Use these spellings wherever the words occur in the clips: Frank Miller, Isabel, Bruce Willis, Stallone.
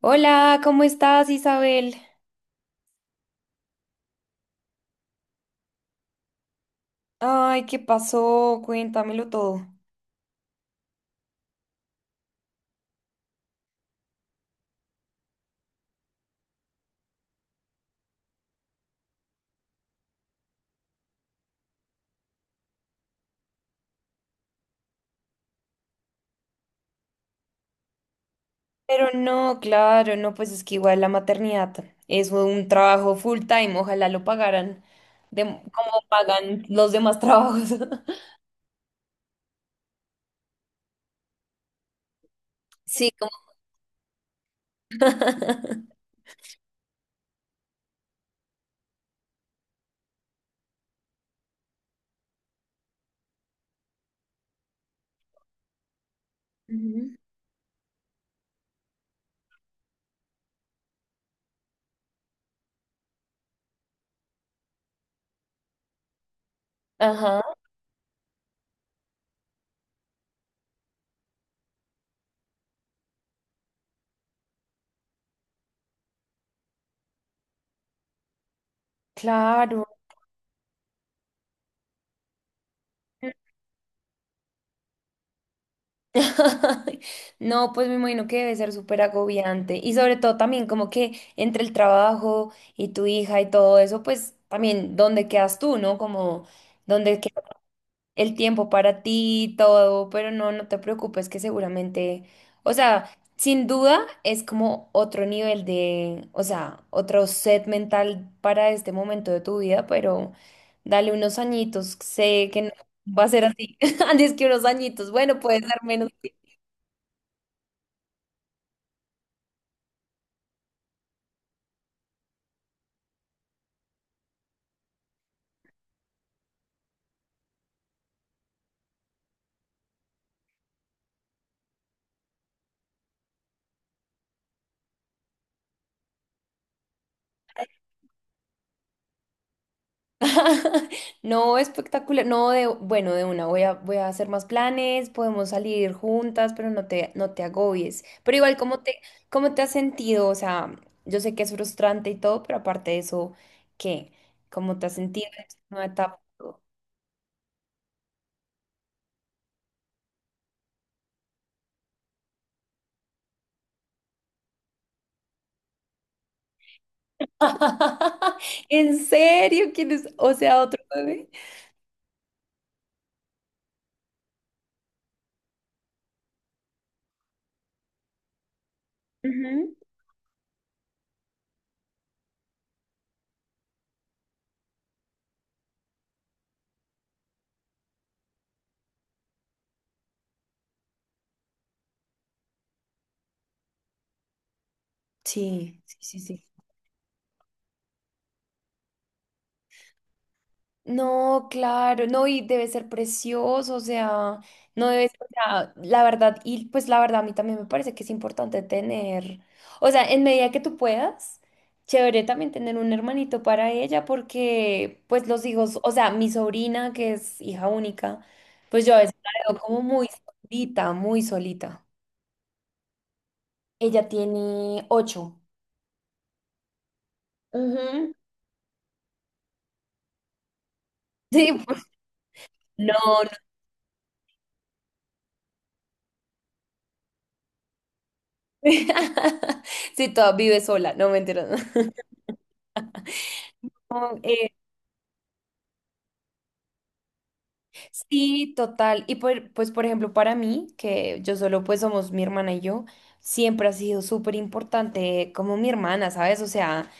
Hola, ¿cómo estás, Isabel? Ay, ¿qué pasó? Cuéntamelo todo. Pero no, claro, no, pues es que igual la maternidad es un trabajo full time, ojalá lo pagaran de, como pagan los demás trabajos. Sí, como... Ujú. Ajá, claro. No, pues me imagino que debe ser súper agobiante. Y sobre todo también como que entre el trabajo y tu hija y todo eso, pues también dónde quedas tú, ¿no? Como dónde el tiempo para ti, y todo, pero no, no te preocupes que seguramente, o sea, sin duda es como otro nivel de, o sea, otro set mental para este momento de tu vida, pero dale unos añitos, sé que no va a ser así, antes que unos añitos, bueno, puede ser menos. No, espectacular. No, de, bueno, de una, voy a, voy a hacer más planes, podemos salir juntas, pero no te, no te agobies. Pero igual, cómo te has sentido? O sea, yo sé que es frustrante y todo, pero aparte de eso, ¿qué? ¿Cómo te has sentido en esta nueva etapa? ¿En serio? ¿Quién es? O sea, otro bebé. Ujú. Sí, sí, sí, sí. No, claro, no, y debe ser precioso, o sea, no debe ser, o sea, la verdad, y pues la verdad a mí también me parece que es importante tener, o sea, en medida que tú puedas, chévere también tener un hermanito para ella, porque pues los hijos, o sea, mi sobrina que es hija única, pues yo a veces la veo como muy solita, muy solita. Ella tiene 8. Ujú. Sí, pues, no, no. Sí, toda vive sola, no me entiendes. Sí, total. Y por- pues, por ejemplo, para mí, que yo solo pues somos mi hermana y yo, siempre ha sido súper importante como mi hermana, ¿sabes? O sea,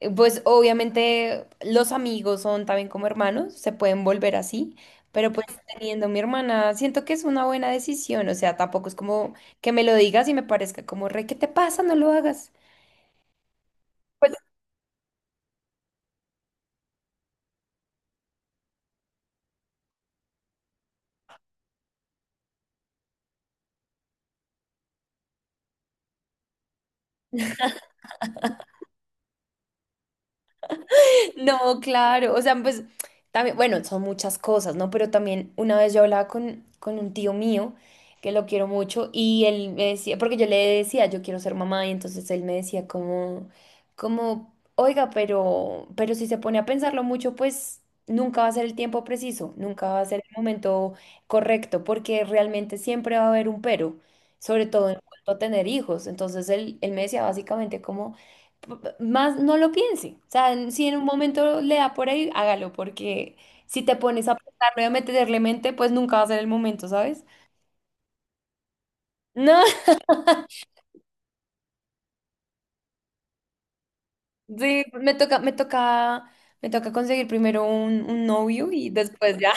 pues obviamente los amigos son también como hermanos, se pueden volver así, pero pues teniendo mi hermana, siento que es una buena decisión. O sea, tampoco es como que me lo digas y me parezca como, re, ¿qué te pasa? No lo hagas. Pues No, claro, o sea, pues también, bueno, son muchas cosas, ¿no? Pero también una vez yo hablaba con un tío mío, que lo quiero mucho, y él me decía, porque yo le decía, yo quiero ser mamá, y entonces él me decía como, como, oiga, pero si se pone a pensarlo mucho, pues nunca va a ser el tiempo preciso, nunca va a ser el momento correcto, porque realmente siempre va a haber un pero, sobre todo en cuanto a tener hijos. Entonces él me decía básicamente como más no lo piense. O sea, en- si en un momento le da por ahí, hágalo, porque si te pones a pensarlo y a meterle mente, pues nunca va a ser el momento, ¿sabes? No, sí, me toca, me toca, me toca conseguir primero un novio y después ya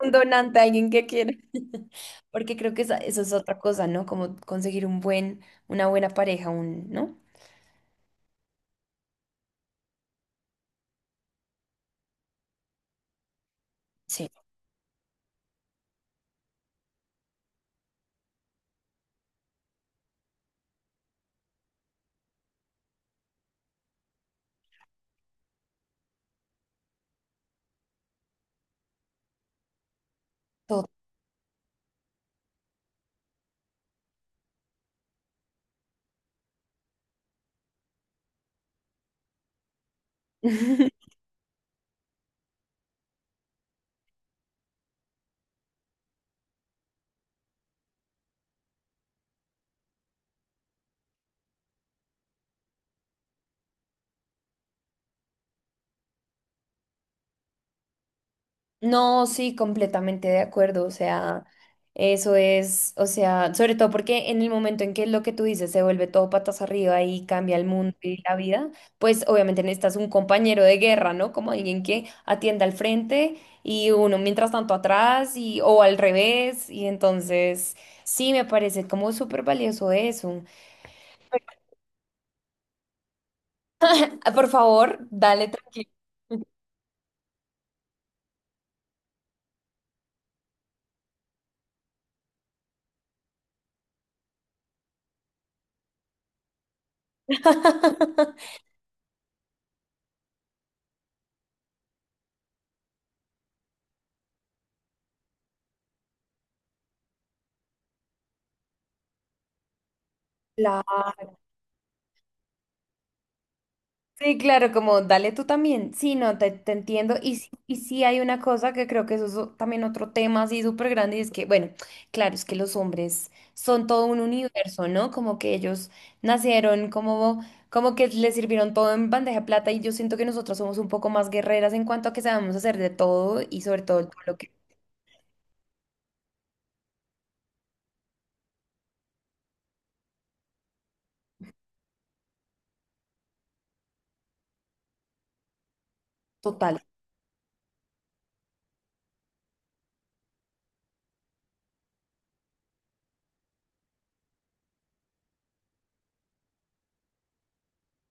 un donante, alguien que quiera. Porque creo que esa- eso es otra cosa, ¿no? Como conseguir un buen, una buena pareja, un, ¿no? Sí, todo. No, sí, completamente de acuerdo. O sea, eso es, o sea, sobre todo porque en el momento en que lo que tú dices se vuelve todo patas arriba y cambia el mundo y la vida, pues obviamente necesitas un compañero de guerra, ¿no? Como alguien que atienda al frente y uno mientras tanto atrás y o al revés. Y entonces, sí, me parece como súper valioso eso. Ah, por favor, dale tranquilo. Claro. Sí, claro, como dale tú también. Sí, no, te entiendo. Y sí hay una cosa que creo que eso es o- también otro tema así súper grande y es que, bueno, claro, es que los hombres son todo un universo, ¿no? Como que ellos nacieron, como, como que les sirvieron todo en bandeja de plata y yo siento que nosotras somos un poco más guerreras en cuanto a que sabemos hacer de todo y sobre todo todo lo que... Total.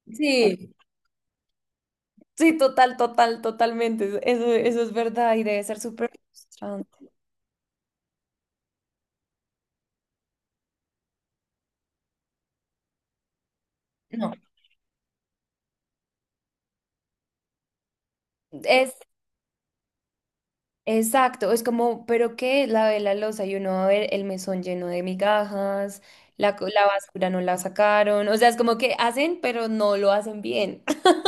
Sí, sí, total, total, totalmente. Eso es verdad y debe ser súper frustrante. No. Exacto, es como, pero que lavé la loza y uno va a ver el mesón lleno de migajas, la, co- la basura no la sacaron, o sea, es como que hacen, pero no lo hacen bien.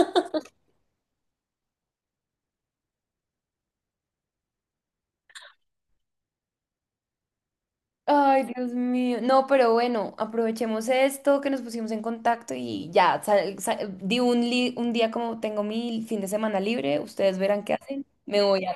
Ay, Dios mío. No, pero bueno, aprovechemos esto que nos pusimos en contacto y ya, sal- sal- di un, li- un día como tengo mi fin de semana libre, ustedes verán qué hacen, me voy a...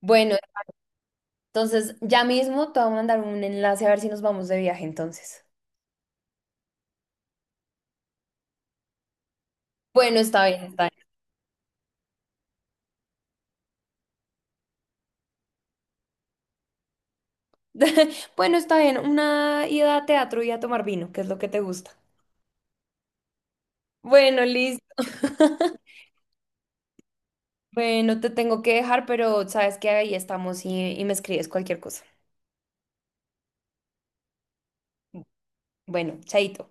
Bueno, entonces ya mismo te voy a mandar un enlace a ver si nos vamos de viaje entonces. Bueno, está bien, está bien. Bueno, está bien, una ida a teatro y a tomar vino, que es lo que te gusta. Bueno, listo. Bueno, te tengo que dejar, pero sabes que ahí estamos y me escribes cualquier cosa. Bueno, chaito.